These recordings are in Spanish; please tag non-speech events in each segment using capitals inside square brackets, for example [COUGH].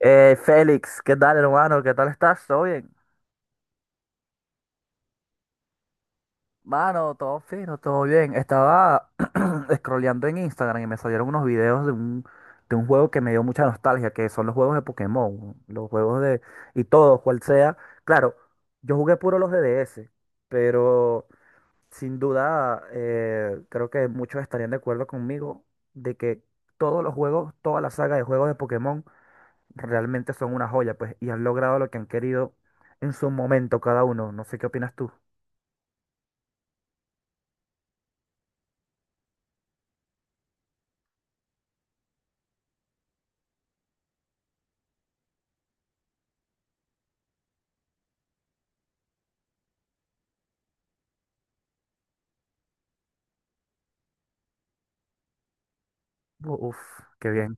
Félix, ¿qué tal, hermano? ¿Qué tal estás? ¿Todo bien? Mano, todo fino, todo bien. Estaba [CLEARS THROAT] scrolleando en Instagram y me salieron unos videos de un juego que me dio mucha nostalgia, que son los juegos de Pokémon, los juegos de... y todo, cual sea. Claro, yo jugué puro los de DS, pero sin duda creo que muchos estarían de acuerdo conmigo de que todos los juegos, toda la saga de juegos de Pokémon realmente son una joya, pues, y han logrado lo que han querido en su momento cada uno. No sé qué opinas tú. Uf, qué bien.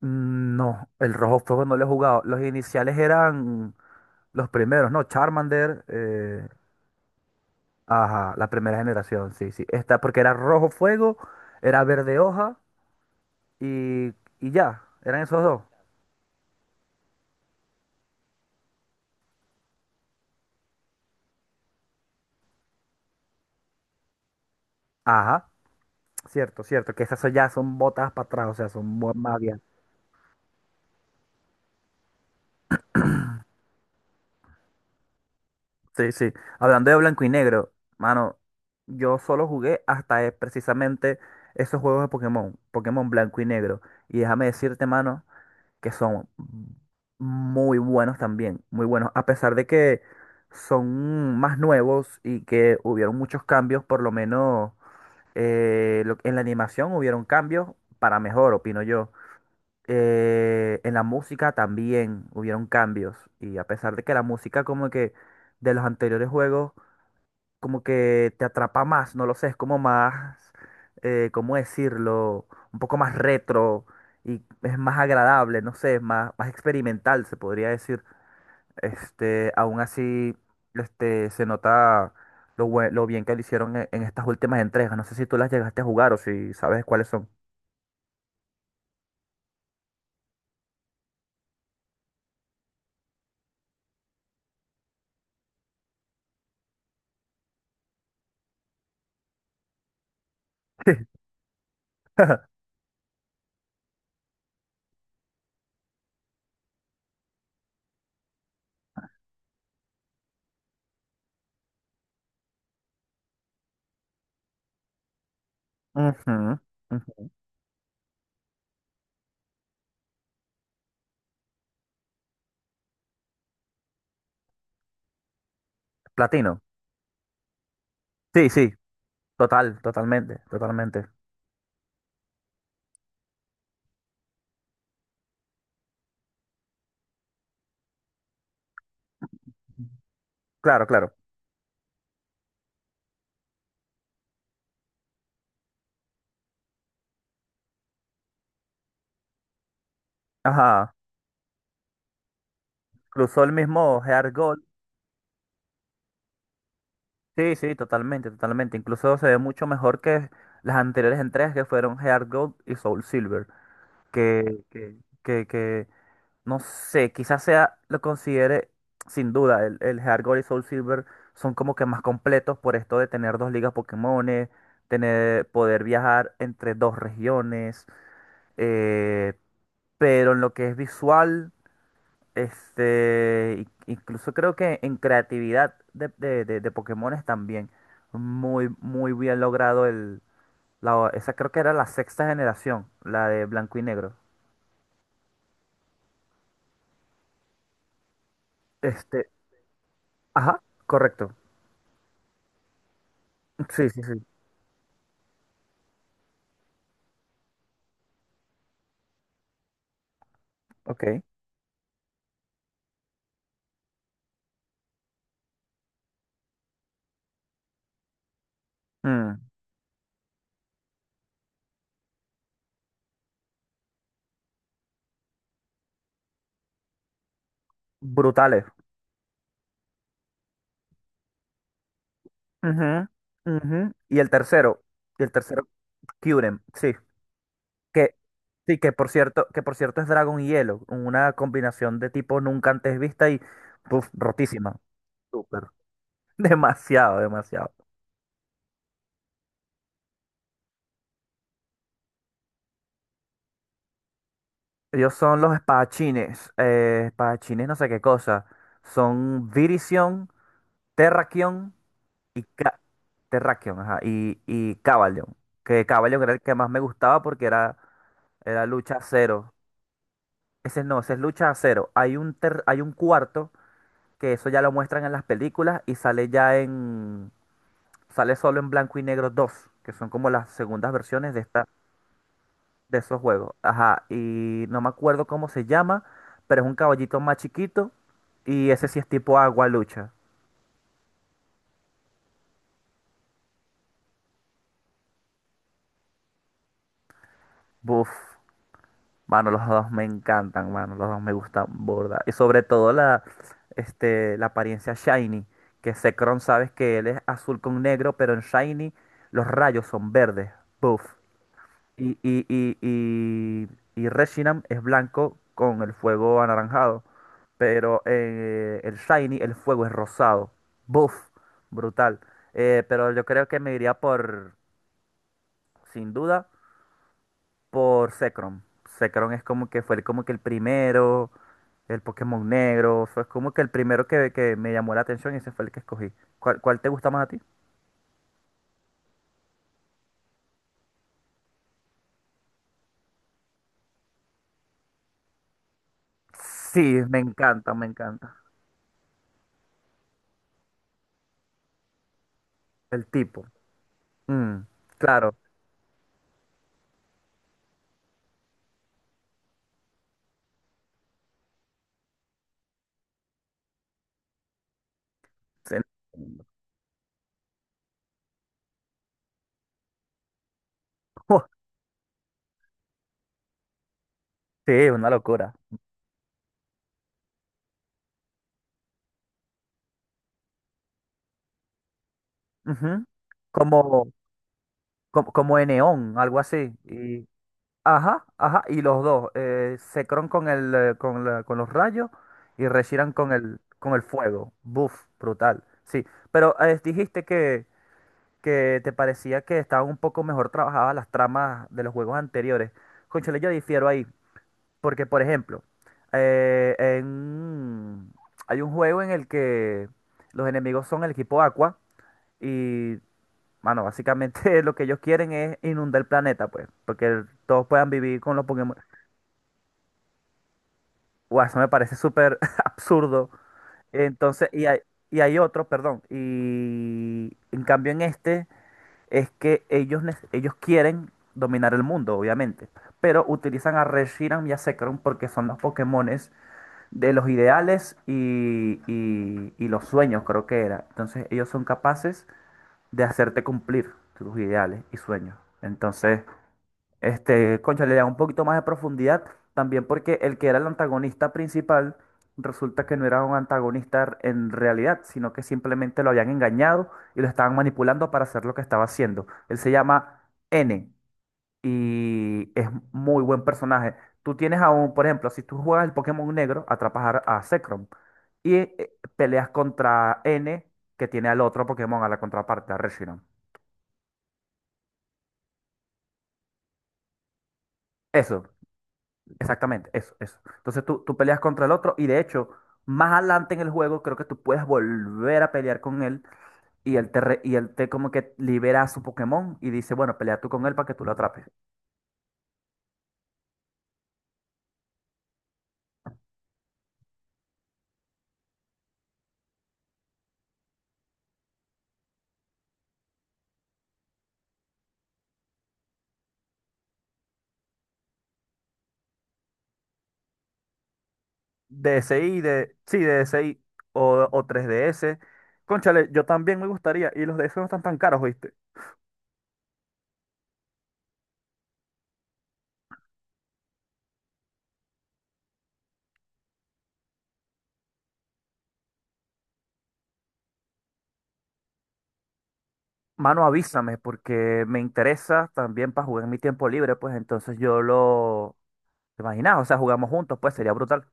Mm, no, el Rojo Fuego no lo he jugado. Los iniciales eran los primeros, ¿no? Charmander, ajá, la primera generación, sí, sí. Esta, porque era Rojo Fuego, era Verde Hoja y, y ya, eran esos dos. Ajá, cierto, cierto, que esas son- ya son botas para atrás, o sea, son mu- más. Sí, sí. Hablando de blanco y negro, mano, yo solo jugué hasta precisamente esos juegos de Pokémon, Pokémon blanco y negro. Y déjame decirte, mano, que son muy buenos también, muy buenos. A pesar de que son más nuevos y que hubieron muchos cambios, por lo menos lo- en la animación hubieron cambios para mejor, opino yo. En la música también hubieron cambios. Y a pesar de que la música como que de los anteriores juegos como que te atrapa más, no lo sé, es como más, ¿cómo decirlo? Un poco más retro y es más agradable, no sé, es más, más experimental, se podría decir. Este, aún así, este, se nota lo, bue- lo bien que lo hicieron en estas últimas entregas. No sé si tú las llegaste a jugar o si sabes cuáles son. [LAUGHS] Ujú, ujú. Platino. Sí, sí, total, totalmente, totalmente. Claro, claro. Ajá. Cruzó el mismo Heart. Sí, sí, totalmente, totalmente. Incluso se ve mucho mejor que las anteriores entregas que fueron Heart Gold y Soul Silver. Que, que, que, que, no sé, quizás sea, lo considere, sin duda, el Heart Gold y Soul Silver son como que más completos por esto de tener dos ligas Pokémones, tener, poder viajar entre dos regiones. eh, pero en lo que es visual. Este, in- incluso creo que en creatividad de Pokémones también. Muy, muy bien logrado el. La, esa creo que era la sexta generación, la de blanco y negro. Este, ajá, correcto. Sí, sí, sí. Ok. Mm, brutales. Ujú, ujú. Y el tercero. Y el tercero, Kyurem, sí. Que, sí, que por cierto es Dragon y Hielo. Una combinación de tipos nunca antes vista y puf, rotísima. Súper. [LAUGHS] Demasiado, demasiado. Ellos son los espadachines. Espadachines, no sé qué cosa. Son Virición, Terrakion y Ca- Terrakion, ajá, y Cavalion. Que Cavalion era el que más me gustaba porque era, era lucha cero. Ese no, ese es lucha cero. Hay un, ter- hay un cuarto que eso ya lo muestran en las películas y sale ya en. Sale solo en blanco y negro 2 que son como las segundas versiones de esta de esos juegos. Ajá, y no me acuerdo cómo se llama, pero es un caballito más chiquito y ese sí es tipo agua lucha. Buf, mano, los dos me encantan, mano, los dos me gustan borda. Y sobre todo la, este, la apariencia shiny, que Zekrom sabes que él es azul con negro, pero en shiny los rayos son verdes. Buf. Y, y, y, y, y Reshiram es blanco con el fuego anaranjado. Pero el Shiny, el fuego es rosado. Buff, brutal. Pero yo creo que me iría por, sin duda, por Zekrom. Zekrom es como que fue como que el primero, el Pokémon negro. Fue como que el primero que me llamó la atención y ese fue el que escogí. ¿Cuál, cuál te gusta más a ti? Sí, me encanta, me encanta. El tipo. Mm, claro. Se- [LAUGHS] Sí, es una locura. Ujú. Como, como, como en neón algo así. Y, ajá, ajá. Y los dos, Zekrom con con la- con los rayos y Reshiram con el fuego. Buf, brutal. Sí, pero dijiste que te parecía que estaban un poco mejor trabajadas las tramas de los juegos anteriores. Cónchale, yo difiero ahí. Porque, por ejemplo, en- hay un juego en el que los enemigos son el equipo Aqua. Y mano, básicamente [LAUGHS] lo que ellos quieren es inundar el planeta, pues, porque el- todos puedan vivir con los Pokémon. Guau, eso me parece súper [LAUGHS] absurdo. Entonces, y hay otro, perdón, y en cambio en este es que ellos, nec- ellos quieren dominar el mundo, obviamente, pero utilizan a Reshiram y a Zekrom porque son los Pokémones de los ideales y los sueños, creo que era. Entonces, ellos son capaces de hacerte cumplir tus ideales y sueños. Entonces... este, concha, le da un poquito más de profundidad también porque el que era el antagonista principal resulta que no era un antagonista en realidad, sino que simplemente lo habían engañado y lo estaban manipulando para hacer lo que estaba haciendo. Él se llama N y es muy buen personaje. Tú tienes aún, por ejemplo, si tú juegas el Pokémon Negro, atrapas a Zekrom y peleas contra N que tiene al otro Pokémon, a la contraparte, a Reshiram. Eso. Exactamente, eso, eso. Entonces tú peleas contra el otro y de hecho, más adelante en el juego creo que tú puedes volver a pelear con él y él te, re- y él te como que libera a su Pokémon y dice, bueno, pelea tú con él para que tú lo atrapes. DSi, de, sí, DSi o 3DS. Cónchale, yo también me gustaría. Y los DS no están tan caros, ¿viste? Mano, avísame porque me interesa también para jugar en mi tiempo libre, pues entonces yo lo... ¿Te imaginas? O sea, jugamos juntos, pues sería brutal.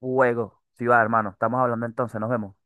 Juego. Sí va, hermano. Estamos hablando entonces, nos vemos.